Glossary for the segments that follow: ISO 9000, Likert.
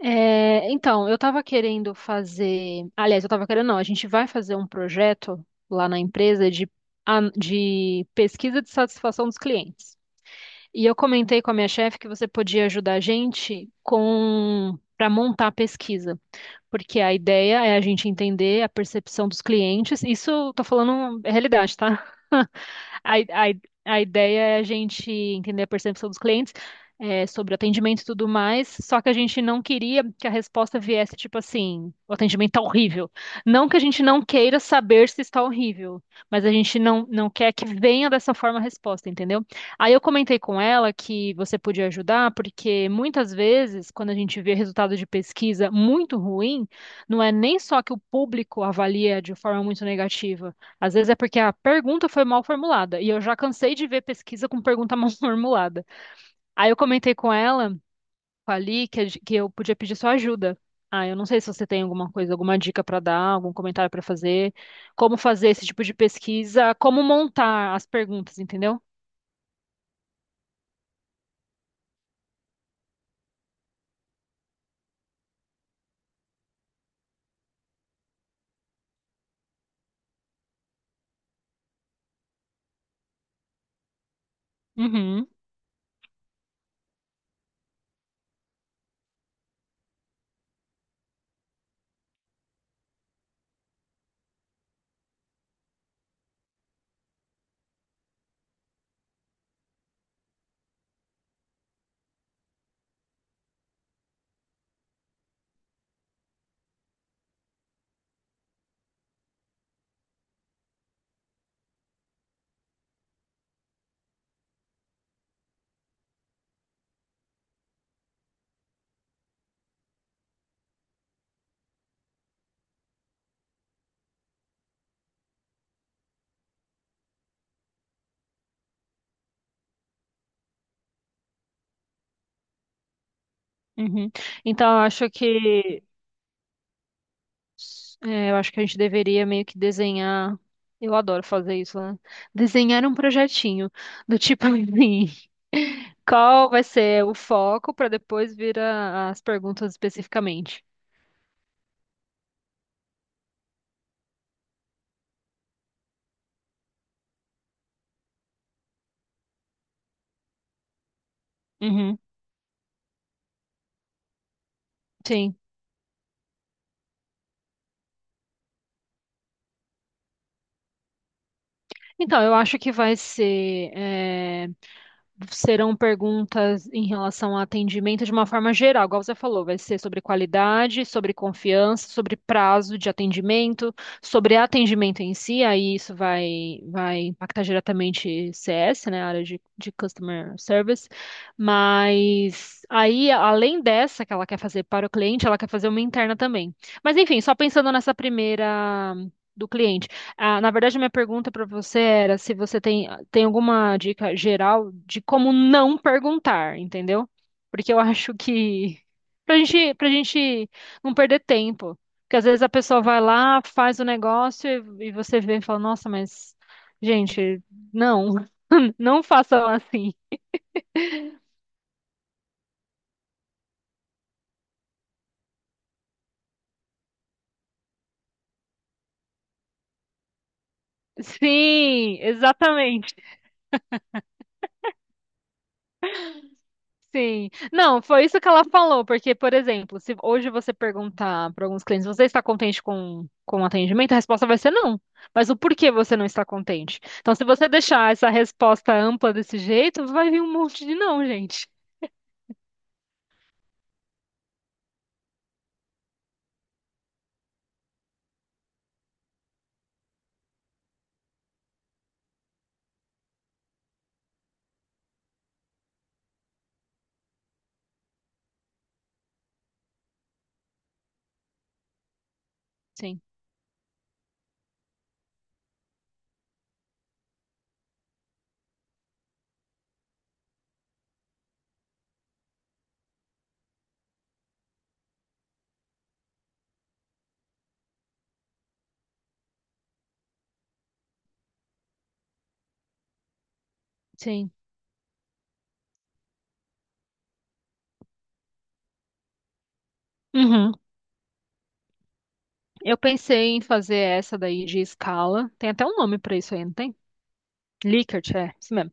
É, então, eu estava querendo fazer. Aliás, eu estava querendo, não, a gente vai fazer um projeto lá na empresa de, de pesquisa de satisfação dos clientes. E eu comentei com a minha chefe que você podia ajudar a gente com para montar a pesquisa, porque a ideia é a gente entender a percepção dos clientes. Isso, estou falando é realidade, tá? A, a, a ideia é a gente entender a percepção dos clientes, é, sobre atendimento e tudo mais, só que a gente não queria que a resposta viesse tipo assim, o atendimento tá horrível. Não que a gente não queira saber se está horrível, mas a gente não quer que venha dessa forma a resposta, entendeu? Aí eu comentei com ela que você podia ajudar, porque muitas vezes, quando a gente vê resultado de pesquisa muito ruim, não é nem só que o público avalia de forma muito negativa, às vezes é porque a pergunta foi mal formulada, e eu já cansei de ver pesquisa com pergunta mal formulada. Aí eu comentei com ela, com a Li, que, que eu podia pedir sua ajuda. Ah, eu não sei se você tem alguma coisa, alguma dica para dar, algum comentário para fazer, como fazer esse tipo de pesquisa, como montar as perguntas, entendeu? Uhum, uhum. Então, eu acho que a gente deveria meio que desenhar. Eu adoro fazer isso, né? Desenhar um projetinho do tipo assim. Qual vai ser o foco para depois vir as perguntas especificamente? Uhum, sim. Então, eu acho que serão perguntas em relação ao atendimento de uma forma geral, igual você falou, vai ser sobre qualidade, sobre confiança, sobre prazo de atendimento, sobre atendimento em si, aí isso vai impactar diretamente CS, né, a área de Customer Service, mas aí, além dessa que ela quer fazer para o cliente, ela quer fazer uma interna também. Mas enfim, só pensando nessa primeira do cliente. Ah, na verdade, minha pergunta para você era se você tem alguma dica geral de como não perguntar, entendeu? Porque eu acho que pra gente não perder tempo. Porque às vezes a pessoa vai lá, faz o negócio e você vê e fala, nossa, mas, gente, não, não façam assim. Sim, exatamente. Sim. Não, foi isso que ela falou, porque, por exemplo, se hoje você perguntar para alguns clientes, você está contente com o atendimento? A resposta vai ser não. Mas o porquê você não está contente? Então, se você deixar essa resposta ampla desse jeito, vai vir um monte de não, gente. Sim, sim. Uhum. Eu pensei em fazer essa daí de escala. Tem até um nome para isso aí, não tem? Likert, é, isso mesmo.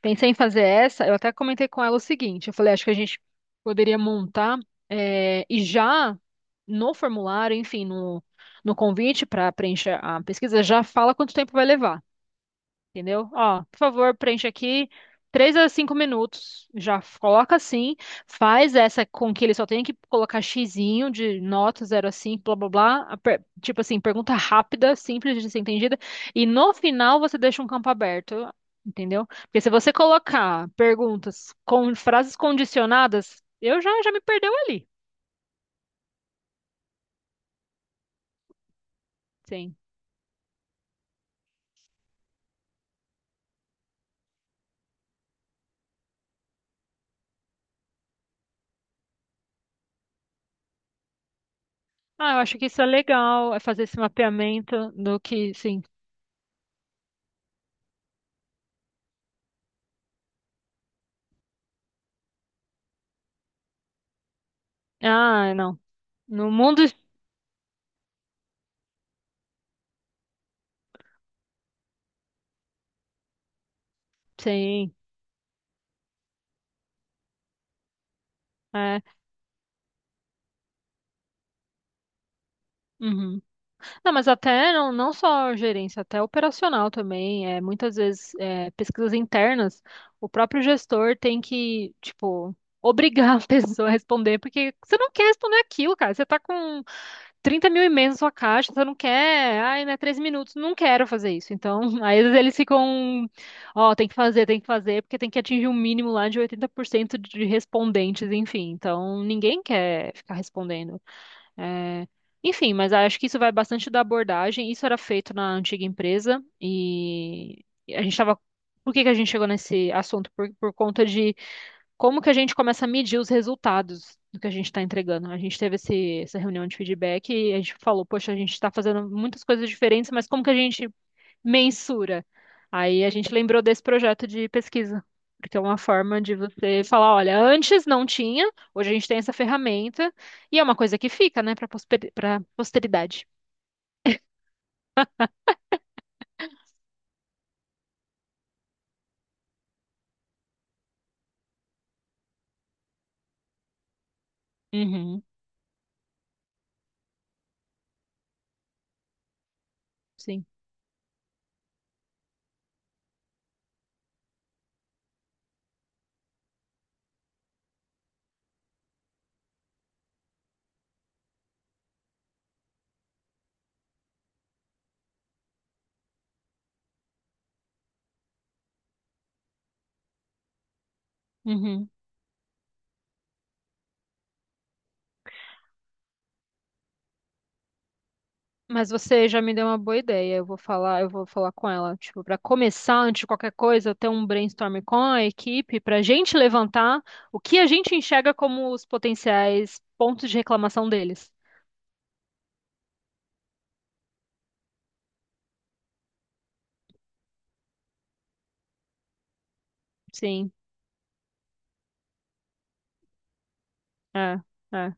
Pensei em fazer essa, eu até comentei com ela o seguinte, eu falei, acho que a gente poderia montar e já no formulário, enfim, no convite para preencher a pesquisa, já fala quanto tempo vai levar. Entendeu? Ó, por favor, preenche aqui 3 a 5 minutos. Já coloca assim, faz essa com que ele só tenha que colocar xizinho de nota 0 a 5, blá blá blá. Tipo assim, pergunta rápida, simples de ser entendida. E no final você deixa um campo aberto, entendeu? Porque se você colocar perguntas com frases condicionadas, eu já me perdeu ali. Sim. Ah, eu acho que isso é legal, é fazer esse mapeamento do que, sim. Ah, não. No mundo, sim. É. Uhum. Não, mas até não só gerência, até operacional também. É, muitas vezes, é, pesquisas internas, o próprio gestor tem que, tipo, obrigar a pessoa a responder, porque você não quer responder aquilo, cara. Você tá com 30 mil e-mails na sua caixa, você não quer, ai, né, 3 minutos, não quero fazer isso. Então, aí às vezes eles ficam, ó, tem que fazer, porque tem que atingir um mínimo lá de 80% de respondentes, enfim. Então, ninguém quer ficar respondendo. É, enfim, mas acho que isso vai bastante da abordagem. Isso era feito na antiga empresa e a gente estava. Por que que a gente chegou nesse assunto? Por conta de como que a gente começa a medir os resultados do que a gente está entregando. A gente teve esse, essa reunião de feedback e a gente falou, poxa, a gente está fazendo muitas coisas diferentes, mas como que a gente mensura. Aí a gente lembrou desse projeto de pesquisa, porque é uma forma de você falar, olha, antes não tinha, hoje a gente tem essa ferramenta, e é uma coisa que fica, né, para posteridade. Uhum, sim. Uhum. Mas você já me deu uma boa ideia. Eu vou falar com ela, tipo, para começar antes de qualquer coisa, ter um brainstorm com a equipe para a gente levantar o que a gente enxerga como os potenciais pontos de reclamação deles. Sim, é, é.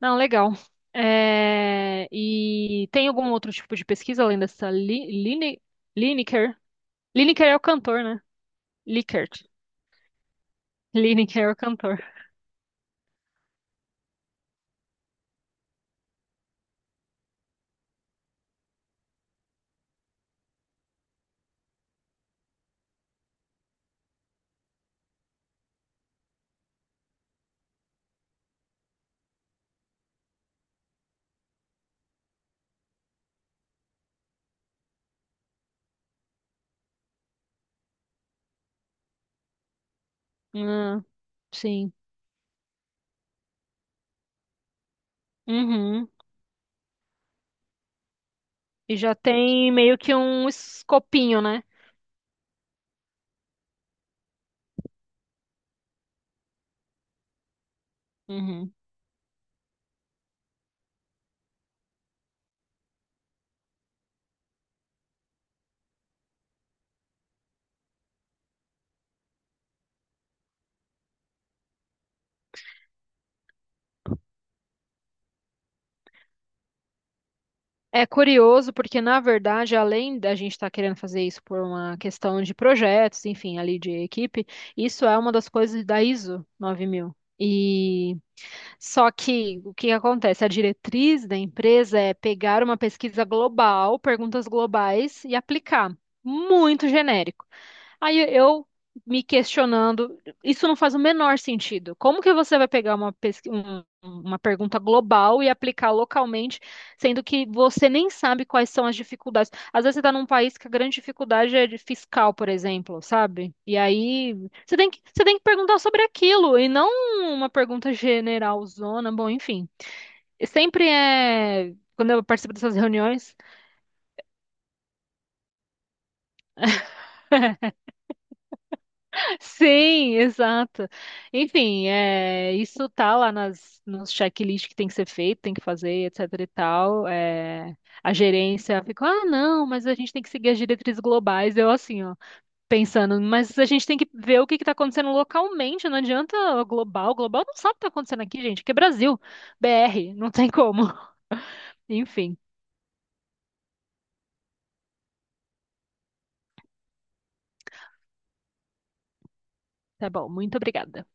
Não, legal. É, e tem algum outro tipo de pesquisa além dessa Lineker? Lineker é o cantor, né? Likert. Lineker é o cantor. Ah, sim. Uhum. E já tem meio que um escopinho, né? Uhum. É curioso porque, na verdade, além da gente estar querendo fazer isso por uma questão de projetos, enfim, ali de equipe, isso é uma das coisas da ISO 9000. E só que o que acontece? A diretriz da empresa é pegar uma pesquisa global, perguntas globais e aplicar. Muito genérico. Aí eu me questionando, isso não faz o menor sentido. Como que você vai pegar uma pergunta global e aplicar localmente, sendo que você nem sabe quais são as dificuldades? Às vezes você está num país que a grande dificuldade é de fiscal, por exemplo, sabe? E aí você tem que perguntar sobre aquilo e não uma pergunta generalzona. Bom, enfim. Sempre é. Quando eu participo dessas reuniões. Sim, exato. Enfim, é, isso tá lá nos checklist que tem que ser feito, tem que fazer, etc e tal. É, a gerência ficou, ah, não, mas a gente tem que seguir as diretrizes globais. Eu assim, ó, pensando, mas a gente tem que ver o que que tá acontecendo localmente, não adianta global. Global não sabe o que tá acontecendo aqui, gente, que é Brasil, BR, não tem como. Enfim, tá bom, muito obrigada.